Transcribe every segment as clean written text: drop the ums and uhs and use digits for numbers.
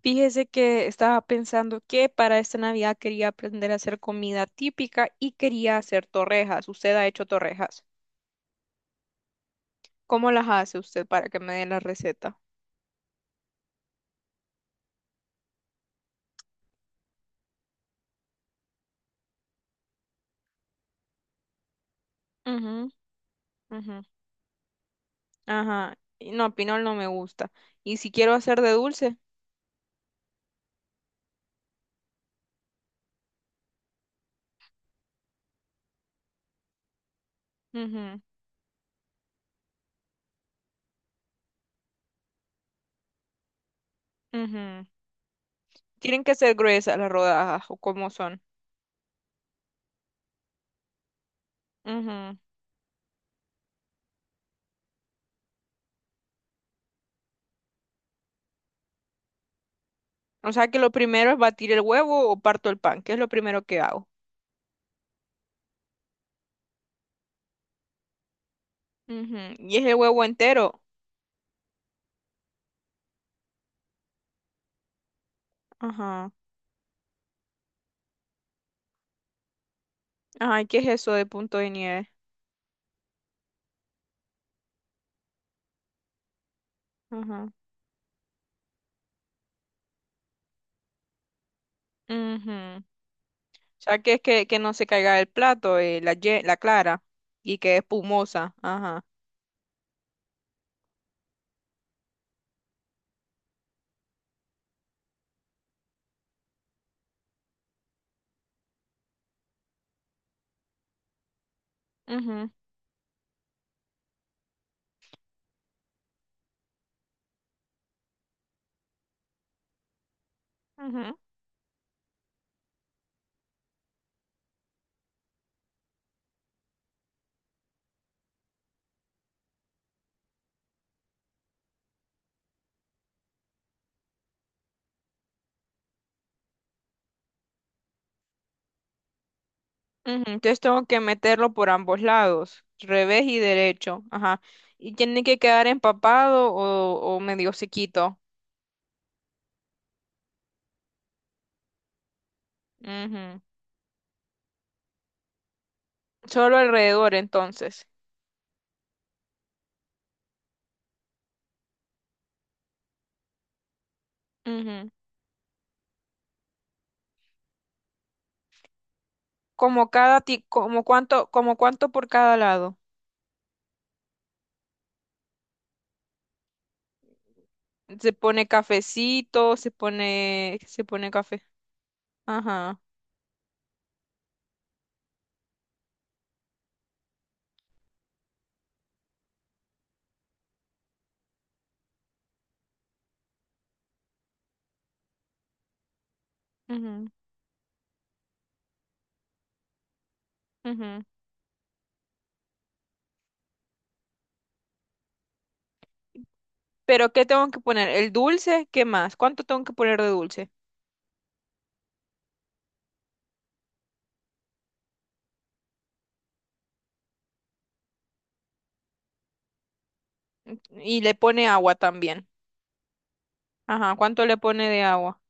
Fíjese que estaba pensando que para esta Navidad quería aprender a hacer comida típica y quería hacer torrejas. Usted ha hecho torrejas. ¿Cómo las hace usted para que me dé la receta? Ujú, ujú. Ajá. Y no, pinol no me gusta. ¿Y si quiero hacer de dulce? Ujú, ujú. ¿Tienen que ser gruesas las rodajas o cómo son? Ujú. O sea que lo primero es batir el huevo o parto el pan, que es lo primero que hago. Ujú. ¿Y es el huevo entero? Ajá. Ay, ¿qué es eso de punto de nieve? Ajá. Ujú. O sea, que es que no se caiga el plato, la clara, y que es espumosa. Ajá. Ujú, ujú, ujú. Entonces tengo que meterlo por ambos lados, revés y derecho. Ajá. Y tiene que quedar empapado o medio sequito. Ujú. Solo alrededor, entonces. Ujú. Como cuánto por cada lado. Se pone cafecito, se pone café. Ajá. Ujú, ujú. Pero ¿qué tengo que poner? ¿El dulce? ¿Qué más? ¿Cuánto tengo que poner de dulce? ¿Y le pone agua también? Ajá, ¿cuánto le pone de agua?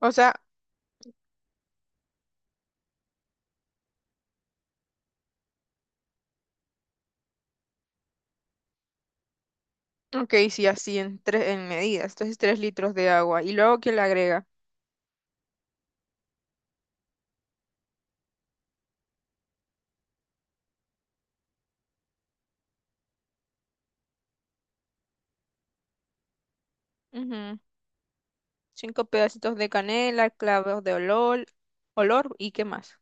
O sea, ok, sí, así en, tres, en medidas. Entonces, 3 litros de agua. Y luego, ¿qué le agrega? Ujú. ¿Cinco pedacitos de canela, clavos de olor, olor y qué más?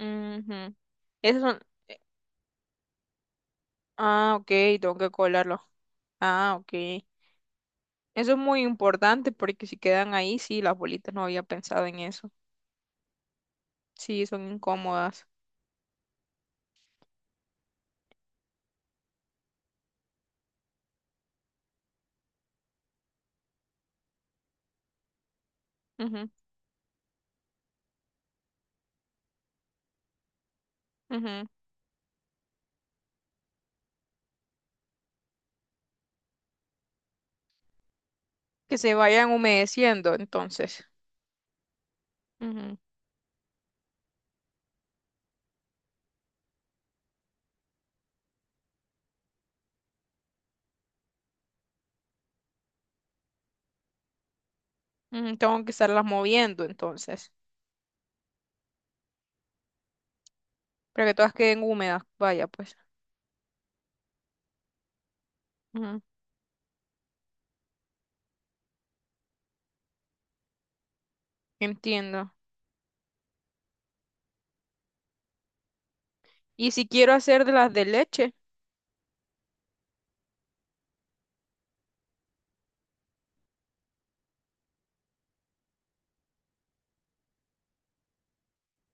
Ujú. Esos son. Ah, ok, tengo que colarlo. Ah, ok. Eso es muy importante porque si quedan ahí, sí, las bolitas no había pensado en eso. Sí, son incómodas. Ujú, ujú. Que se vayan humedeciendo, entonces. Ujú, ujú. Tengo que estarlas moviendo, entonces, para que todas queden húmedas, vaya, pues. Ujú. Entiendo. Y si quiero hacer de las de leche,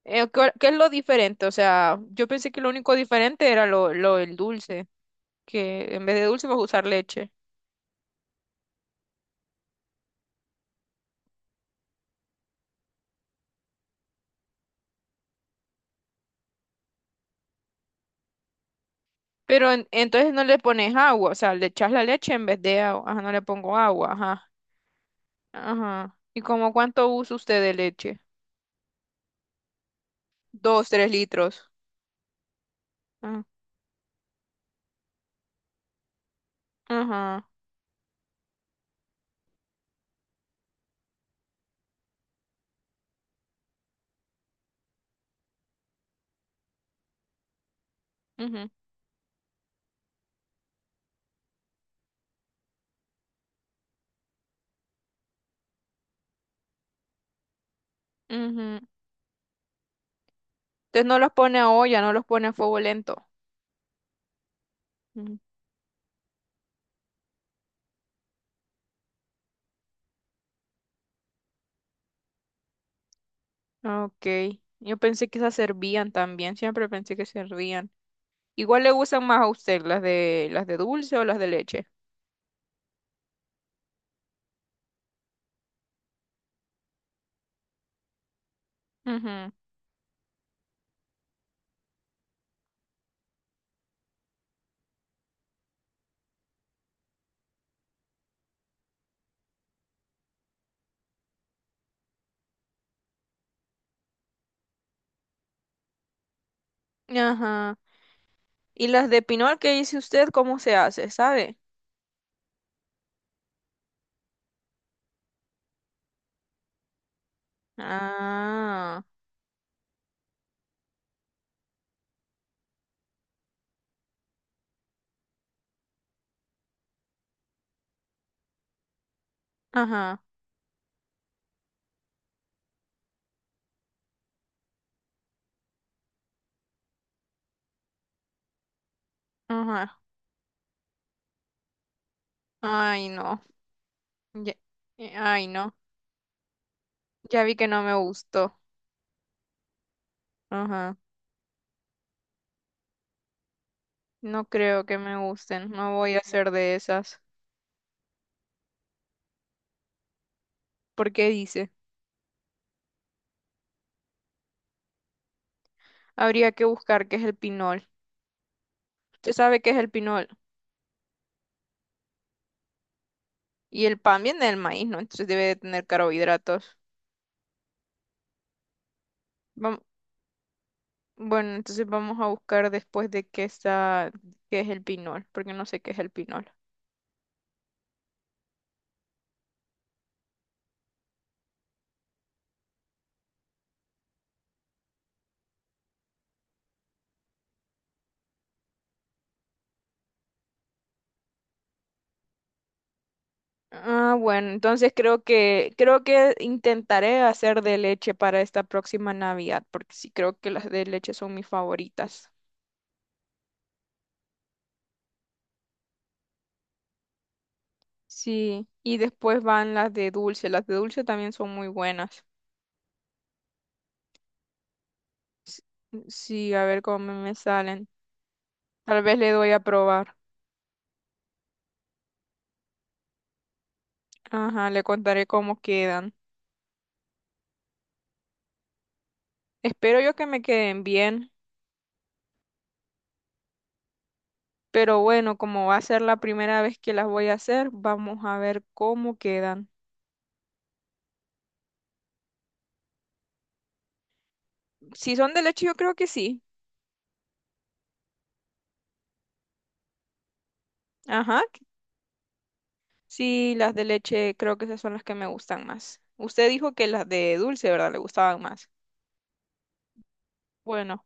¿qué es lo diferente? O sea, yo pensé que lo único diferente era lo del dulce, que en vez de dulce vas a usar leche. Pero entonces no le pones agua, o sea, le echas la leche en vez de agua. Ajá, no le pongo agua, ajá. Ajá. ¿Y como cuánto usa usted de leche? 2, 3 litros. Ah. Ajá. Ujú. Ujú. ¿Entonces no los pone a olla, no los pone a fuego lento? Ujú. Ok. Yo pensé que esas servían también, siempre pensé que servían. ¿Igual le gustan más a usted las de dulce o las de leche? Ujú. Ajá. ¿Y las de pinol que dice usted cómo se hace, sabe? Ah. Ajá. Ajá. Ay, no. Ya- Ay, no. Ya vi que no me gustó. Ajá. No creo que me gusten. No voy a hacer de esas. ¿Por qué dice? Habría que buscar qué es el pinol. ¿Usted sabe qué es el pinol? Y el pan viene del maíz, ¿no? Entonces debe de tener carbohidratos. Vam- bueno, entonces vamos a buscar después de qué está, qué es el pinol, porque no sé qué es el pinol. Ah, bueno, entonces creo que, intentaré hacer de leche para esta próxima Navidad, porque sí creo que las de leche son mis favoritas. Sí, y después van las de dulce. Las de dulce también son muy buenas. Sí, a ver cómo me salen. Tal vez le doy a probar. Ajá, le contaré cómo quedan. Espero yo que me queden bien, pero bueno, como va a ser la primera vez que las voy a hacer, vamos a ver cómo quedan. Si son de leche, yo creo que sí. Ajá, sí, las de leche creo que esas son las que me gustan más. Usted dijo que las de dulce, ¿verdad? Le gustaban más. Bueno.